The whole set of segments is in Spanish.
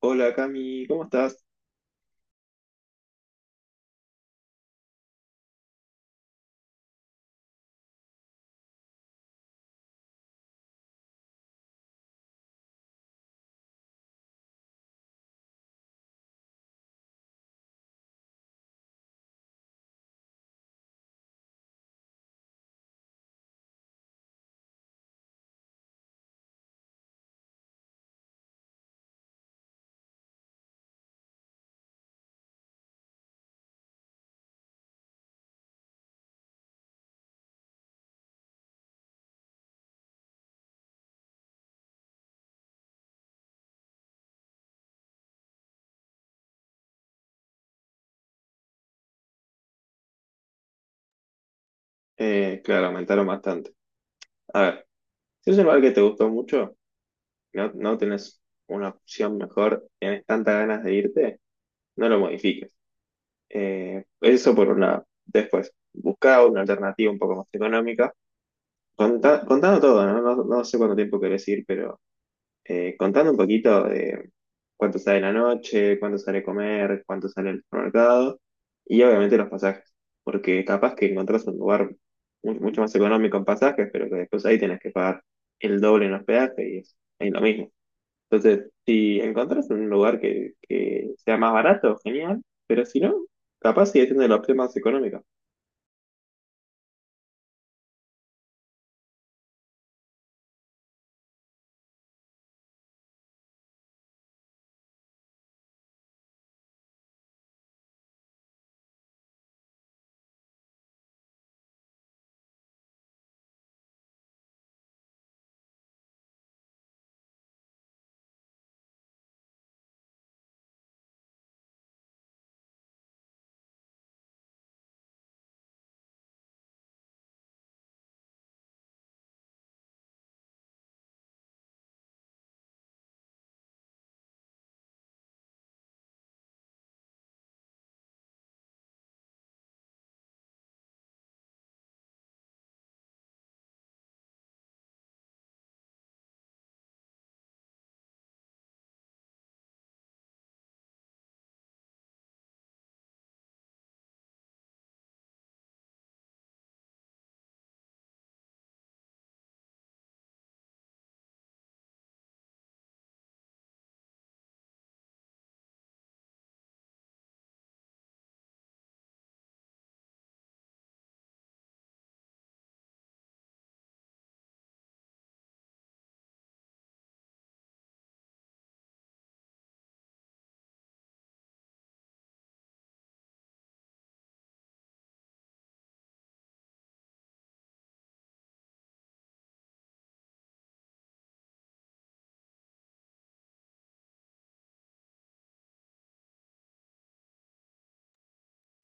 Hola Cami, ¿cómo estás? Claro, aumentaron bastante. A ver, si es un lugar que te gustó mucho, no tenés una opción mejor, tienes tantas ganas de irte, no lo modifiques. Eso por una. Después, busca una alternativa un poco más económica. Contando todo, ¿no? No, no sé cuánto tiempo querés ir, pero contando un poquito de cuánto sale la noche, cuánto sale comer, cuánto sale el supermercado y obviamente los pasajes, porque capaz que encontrás un lugar mucho más económico en pasajes, pero que después ahí tenés que pagar el doble en hospedaje y es, ahí lo mismo. Entonces, si encontrás un lugar que sea más barato, genial, pero si no, capaz sigue siendo la opción más económica.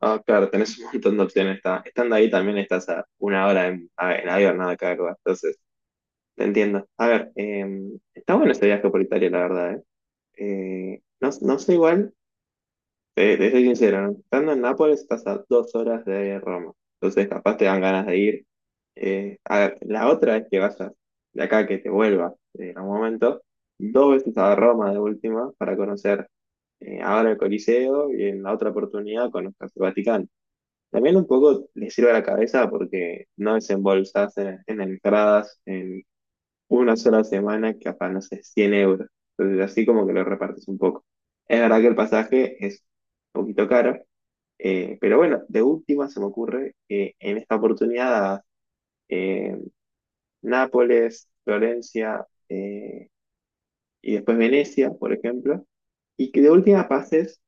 Ah, claro, tenés un montón de opciones. Estando ahí también estás a una hora en, en avión, nada, acá, entonces. Te entiendo. A ver, está bueno este viaje por Italia, la verdad, ¿eh? No, no sé igual, te soy sincero, ¿no? Estando en Nápoles estás a 2 horas de Roma, entonces capaz te dan ganas de ir. A ver, la otra es que vayas de acá, que te vuelvas en algún momento, dos veces a Roma de última para conocer ahora el Coliseo y en la otra oportunidad conozcas el Vaticano. También un poco le sirve a la cabeza porque no desembolsas en entradas, en una sola semana, que capaz, no sé, 100 euros. Entonces, así como que lo repartes un poco. Es verdad que el pasaje es un poquito caro, pero bueno, de última se me ocurre que en esta oportunidad, eh, Nápoles, Florencia, y después Venecia, por ejemplo, y que de última pases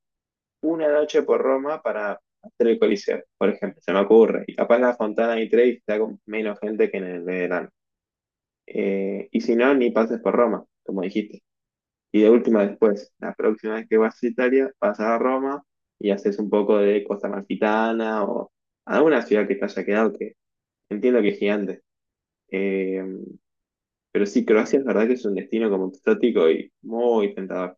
una noche por Roma para hacer el Coliseo, por ejemplo, se me ocurre. Y capaz la Fontana di Trevi está con menos gente que en el de verano. Y si no, ni pases por Roma, como dijiste. Y de última, después, la próxima vez que vas a Italia, vas a Roma y haces un poco de Costa Amalfitana o alguna ciudad que te haya quedado, que entiendo que es gigante. Eh, pero sí, Croacia es verdad que es un destino como exótico y muy tentador.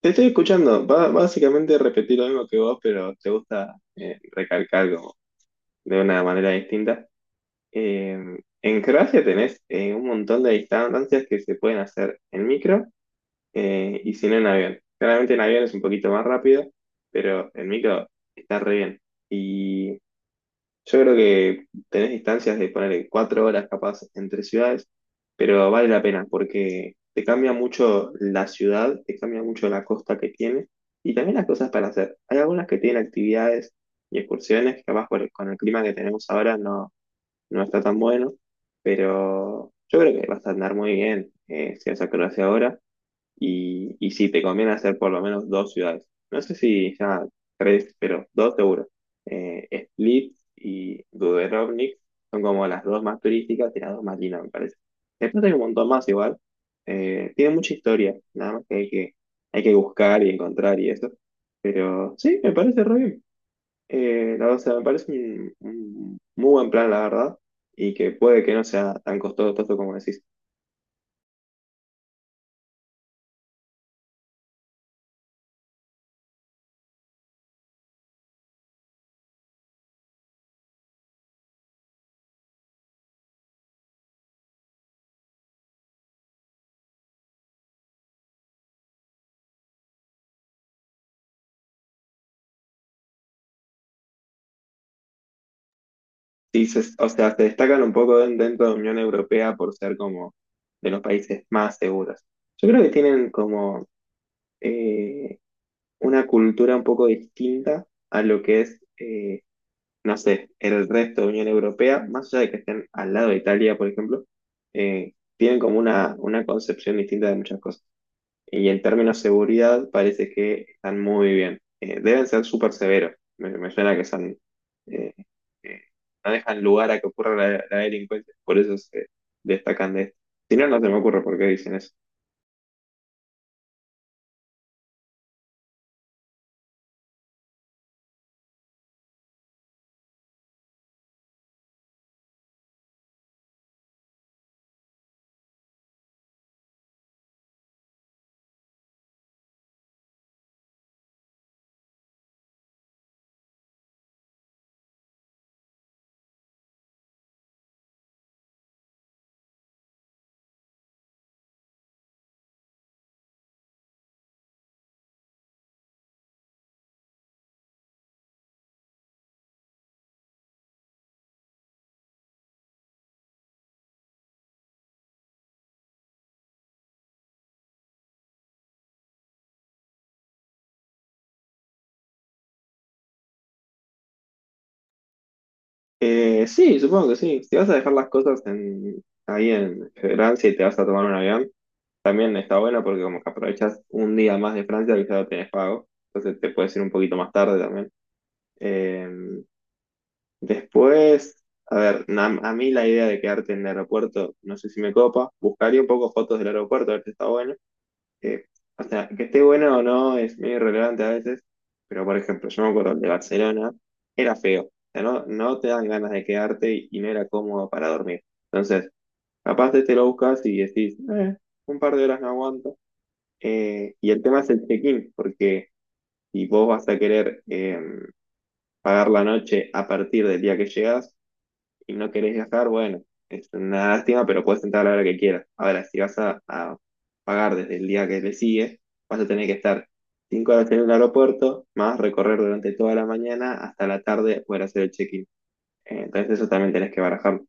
Te estoy escuchando, va, básicamente repetir lo mismo que vos, pero te gusta recalcar como de una manera distinta. Eh, en Croacia tenés un montón de distancias que se pueden hacer en micro, y si no en avión. Claramente en avión es un poquito más rápido, pero en micro está re bien. Y yo creo que tenés distancias de poner 4 horas capaz entre ciudades, pero vale la pena porque te cambia mucho la ciudad, te cambia mucho la costa que tiene y también las cosas para hacer. Hay algunas que tienen actividades y excursiones que capaz con el clima que tenemos ahora no, no está tan bueno, pero yo creo que vas a andar muy bien si vas a Croacia ahora. Y sí, te conviene hacer por lo menos dos ciudades. No sé si ya tres, pero dos seguro. Split y Dubrovnik son como las dos más turísticas y las dos más lindas, me parece. Después hay un montón más igual. Tiene mucha historia, nada más que hay que buscar y encontrar y eso. Pero sí, me parece re bien. O sea, me parece un muy buen plan, la verdad, y que puede que no sea tan costoso como decís. Sí, o sea, se destacan un poco dentro de la Unión Europea por ser como de los países más seguros. Yo creo que tienen como eh, una cultura un poco distinta a lo que es, no sé, el resto de Unión Europea, más allá de que estén al lado de Italia, por ejemplo, tienen como una concepción distinta de muchas cosas. Y en términos de seguridad, parece que están muy bien. Deben ser súper severos. Me suena que son, eh, eh, no dejan lugar a que ocurra la delincuencia. Por eso se destacan de esto. Si no, no se me ocurre por qué dicen eso. Sí, supongo que sí. Si vas a dejar las cosas en, ahí en Francia y te vas a tomar un avión, también está bueno porque como que aprovechas un día más de Francia que ya lo tenés pago. Entonces te puedes ir un poquito más tarde también. Eh, Después, a ver, a mí la idea de quedarte en el aeropuerto, no sé si me copa, buscaría un poco fotos del aeropuerto, a ver si está bueno. Eh, o sea, que esté bueno o no es medio irrelevante a veces, pero por ejemplo, yo me acuerdo el de Barcelona, era feo, o sea, no, no te dan ganas de quedarte y no era cómodo para dormir. Entonces, capaz de te lo buscas y decís, Un par de horas no aguanto. Y el tema es el check-in, porque si vos vas a querer pagar la noche a partir del día que llegas, y no querés viajar, bueno, es una lástima, pero puedes entrar a la hora que quieras. Ahora, si vas a pagar desde el día que le sigue, vas a tener que estar 5 horas en el aeropuerto, más recorrer durante toda la mañana hasta la tarde poder hacer el check-in. Entonces eso también tenés que barajar."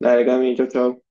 Dale, Cami, chau, chau.